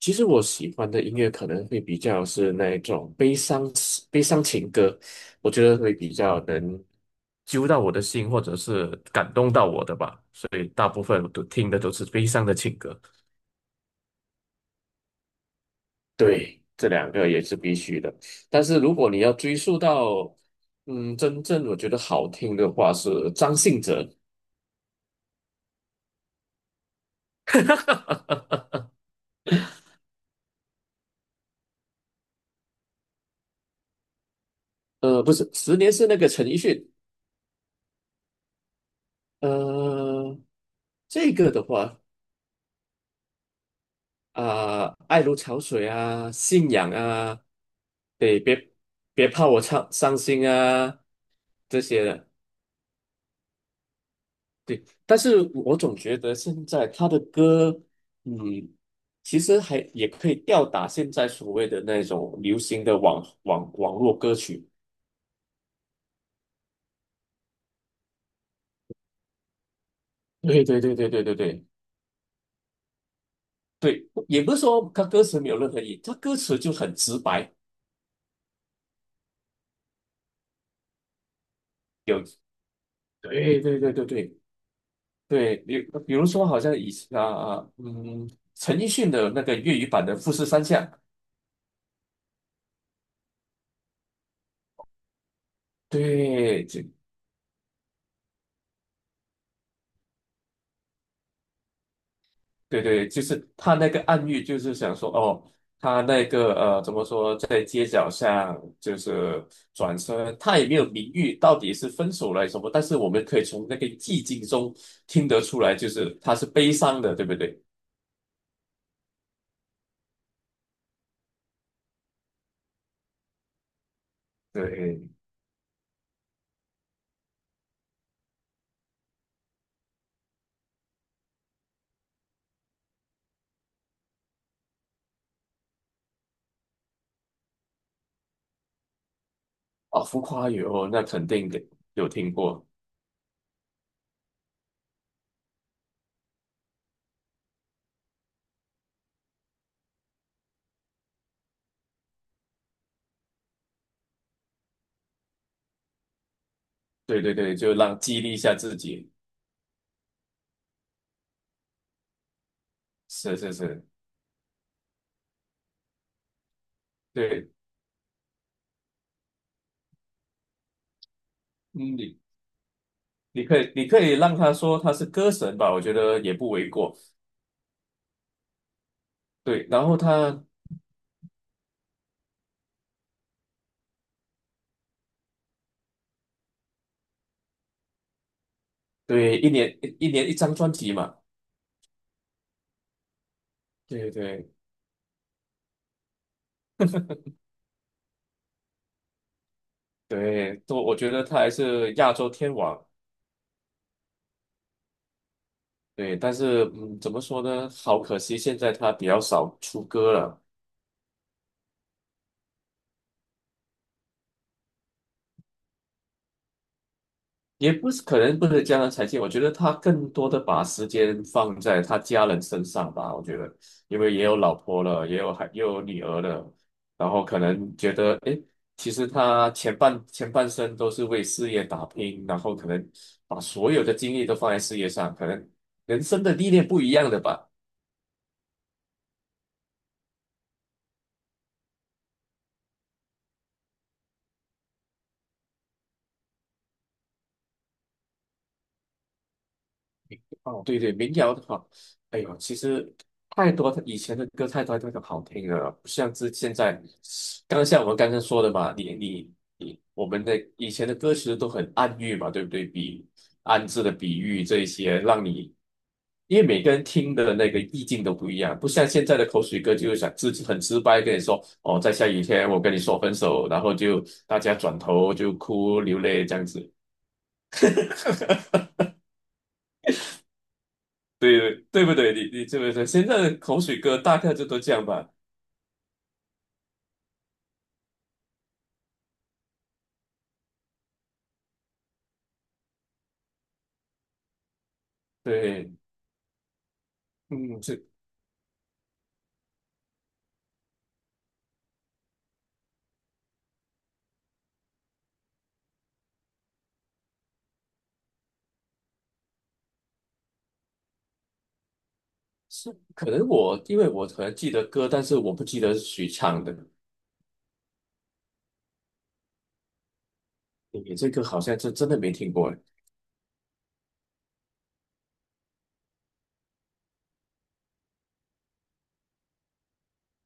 其实我喜欢的音乐可能会比较是那一种悲伤情歌，我觉得会比较能揪到我的心，或者是感动到我的吧。所以大部分我都听的都是悲伤的情歌。对，这两个也是必须的。但是如果你要追溯到，真正我觉得好听的话是张信哲。不是，十年是那个陈奕迅。呃，这个的话。啊、爱如潮水啊，信仰啊，对，别怕我伤心啊，这些的，对。但是我总觉得现在他的歌，嗯，其实还也可以吊打现在所谓的那种流行的网络歌曲。对对对对对对对对，也不是说他歌词没有任何意义，他歌词就很直白，有，对对对对对。对，比如说，好像以前啊，陈奕迅的那个粤语版的《富士山下》，对，对，就是他那个暗喻，就是想说，哦，他那个怎么说，在街角上就是转身，他也没有明喻到底是分手了还是什么，但是我们可以从那个寂静中听得出来，就是他是悲伤的，对不对？对，啊，浮夸语哦，那肯定的，有听过，对对对，就让激励一下自己，是是是。对，嗯，你可以让他说他是歌神吧，我觉得也不为过。对，然后他对一年一张专辑嘛，对对对，都我觉得他还是亚洲天王。对，但是嗯，怎么说呢？好可惜，现在他比较少出歌了。也不是可能不是江人才见，我觉得他更多的把时间放在他家人身上吧。我觉得，因为也有老婆了，也有孩，也有女儿了，然后可能觉得，诶，其实他前半生都是为事业打拼，然后可能把所有的精力都放在事业上，可能人生的历练不一样的吧。哦，对对，民谣的话，哎呦，其实太多以前的歌太多好听了，不像之现在。刚像我们刚刚说的嘛，你你你，我们的以前的歌词都很暗喻嘛，对不对？比暗字的比喻这一些，让你因为每个人听的那个意境都不一样，不像现在的口水歌，就是想自己很直白跟你说，哦，在下雨天我跟你说分手，然后就大家转头就哭流泪这样子。对对不对？你你这么说，现在的口水歌大概就都这样吧。对，嗯，这是可能我因为我可能记得歌，但是我不记得是谁唱的。你这个好像是真的没听过哎。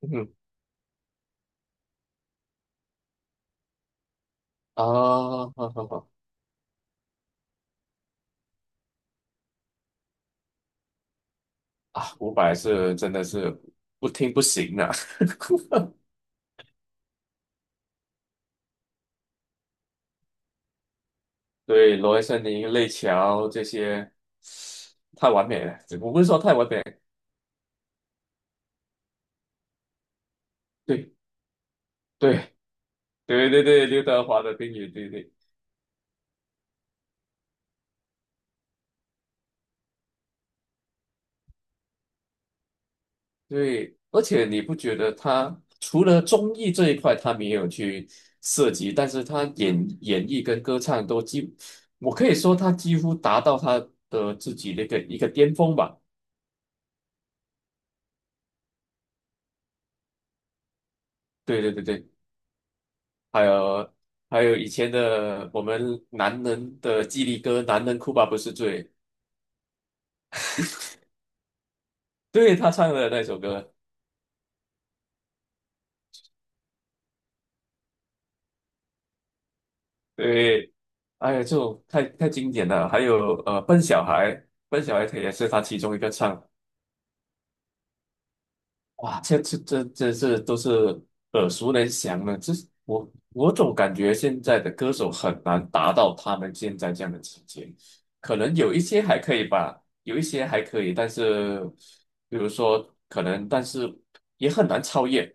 嗯。啊，好好好。啊，伍佰是真的是不听不行啊。对，罗文森林、泪桥这些太完美了，我不是说太完美，对对对对对，刘德华的《冰雨》，对对。对，而且你不觉得他除了综艺这一块他没有去涉及，但是他演演绎跟歌唱都几，我可以说他几乎达到他的自己的一个巅峰吧。对对对对，还有还有以前的我们男人的激励歌《男人哭吧不是罪》，对他唱的那首歌，对，哎呀，这种太经典了。还有笨小孩，笨小孩也是他其中一个唱。哇，这是都是耳熟能详的。这是我我总感觉现在的歌手很难达到他们现在这样的境界，可能有一些还可以吧，有一些还可以，但是比如说可能，但是也很难超越。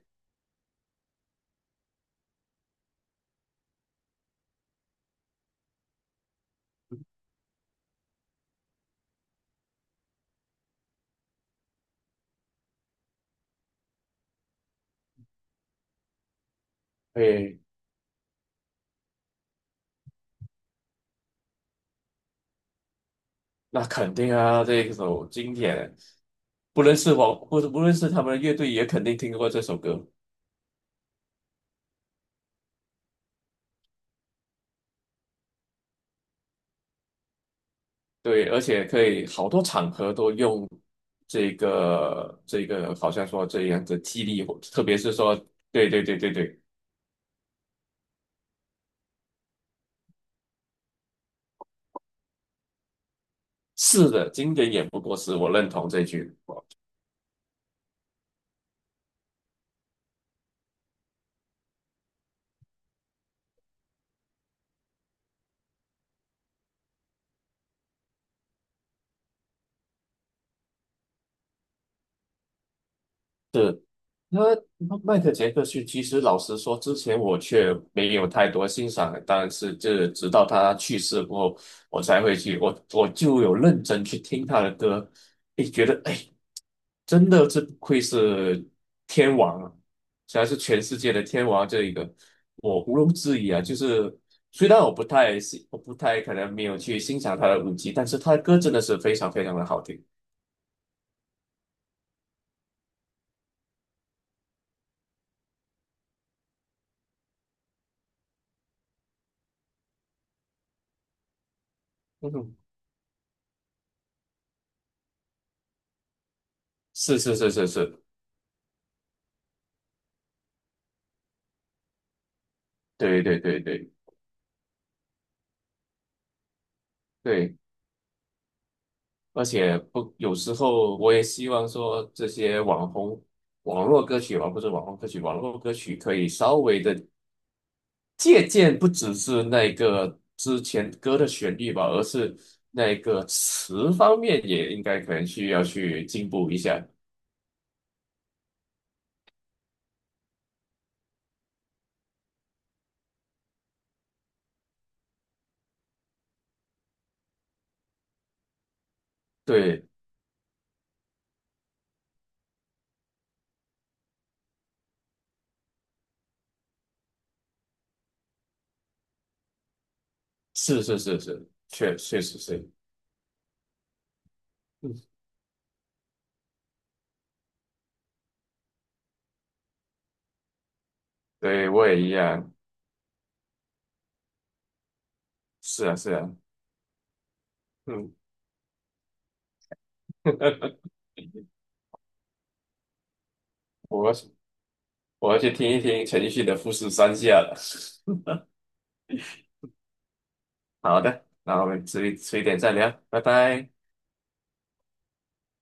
对，那肯定啊，这一首经典，不论是我，不论是他们的乐队，也肯定听过这首歌。对，而且可以好多场合都用这个，好像说这样的激励我，特别是说，对对对对对，是的，经典也不过时，我认同这句。那迈克杰克逊，其实老实说，之前我却没有太多欣赏，但是这直到他去世过后，我才会去，我我就有认真去听他的歌，诶，觉得诶真的，这不愧是天王啊！虽然是全世界的天王，这一个我毋庸置疑啊。就是虽然我不太喜，我不太可能没有去欣赏他的舞技，但是他的歌真的是非常非常的好听。嗯哼，是是是是是，对对对对对，而且不，有时候我也希望说这些网红网络歌曲啊，不是网红歌曲，网络歌曲可以稍微的借鉴不只是那个之前歌的旋律吧，而是那个词方面也应该可能需要去进步一下。对，是是是是，确确实是，嗯，对我也一样，是啊是啊，嗯，我我要去听一听陈奕迅的《富士山下》了。好的，那我们迟一点再聊，拜拜。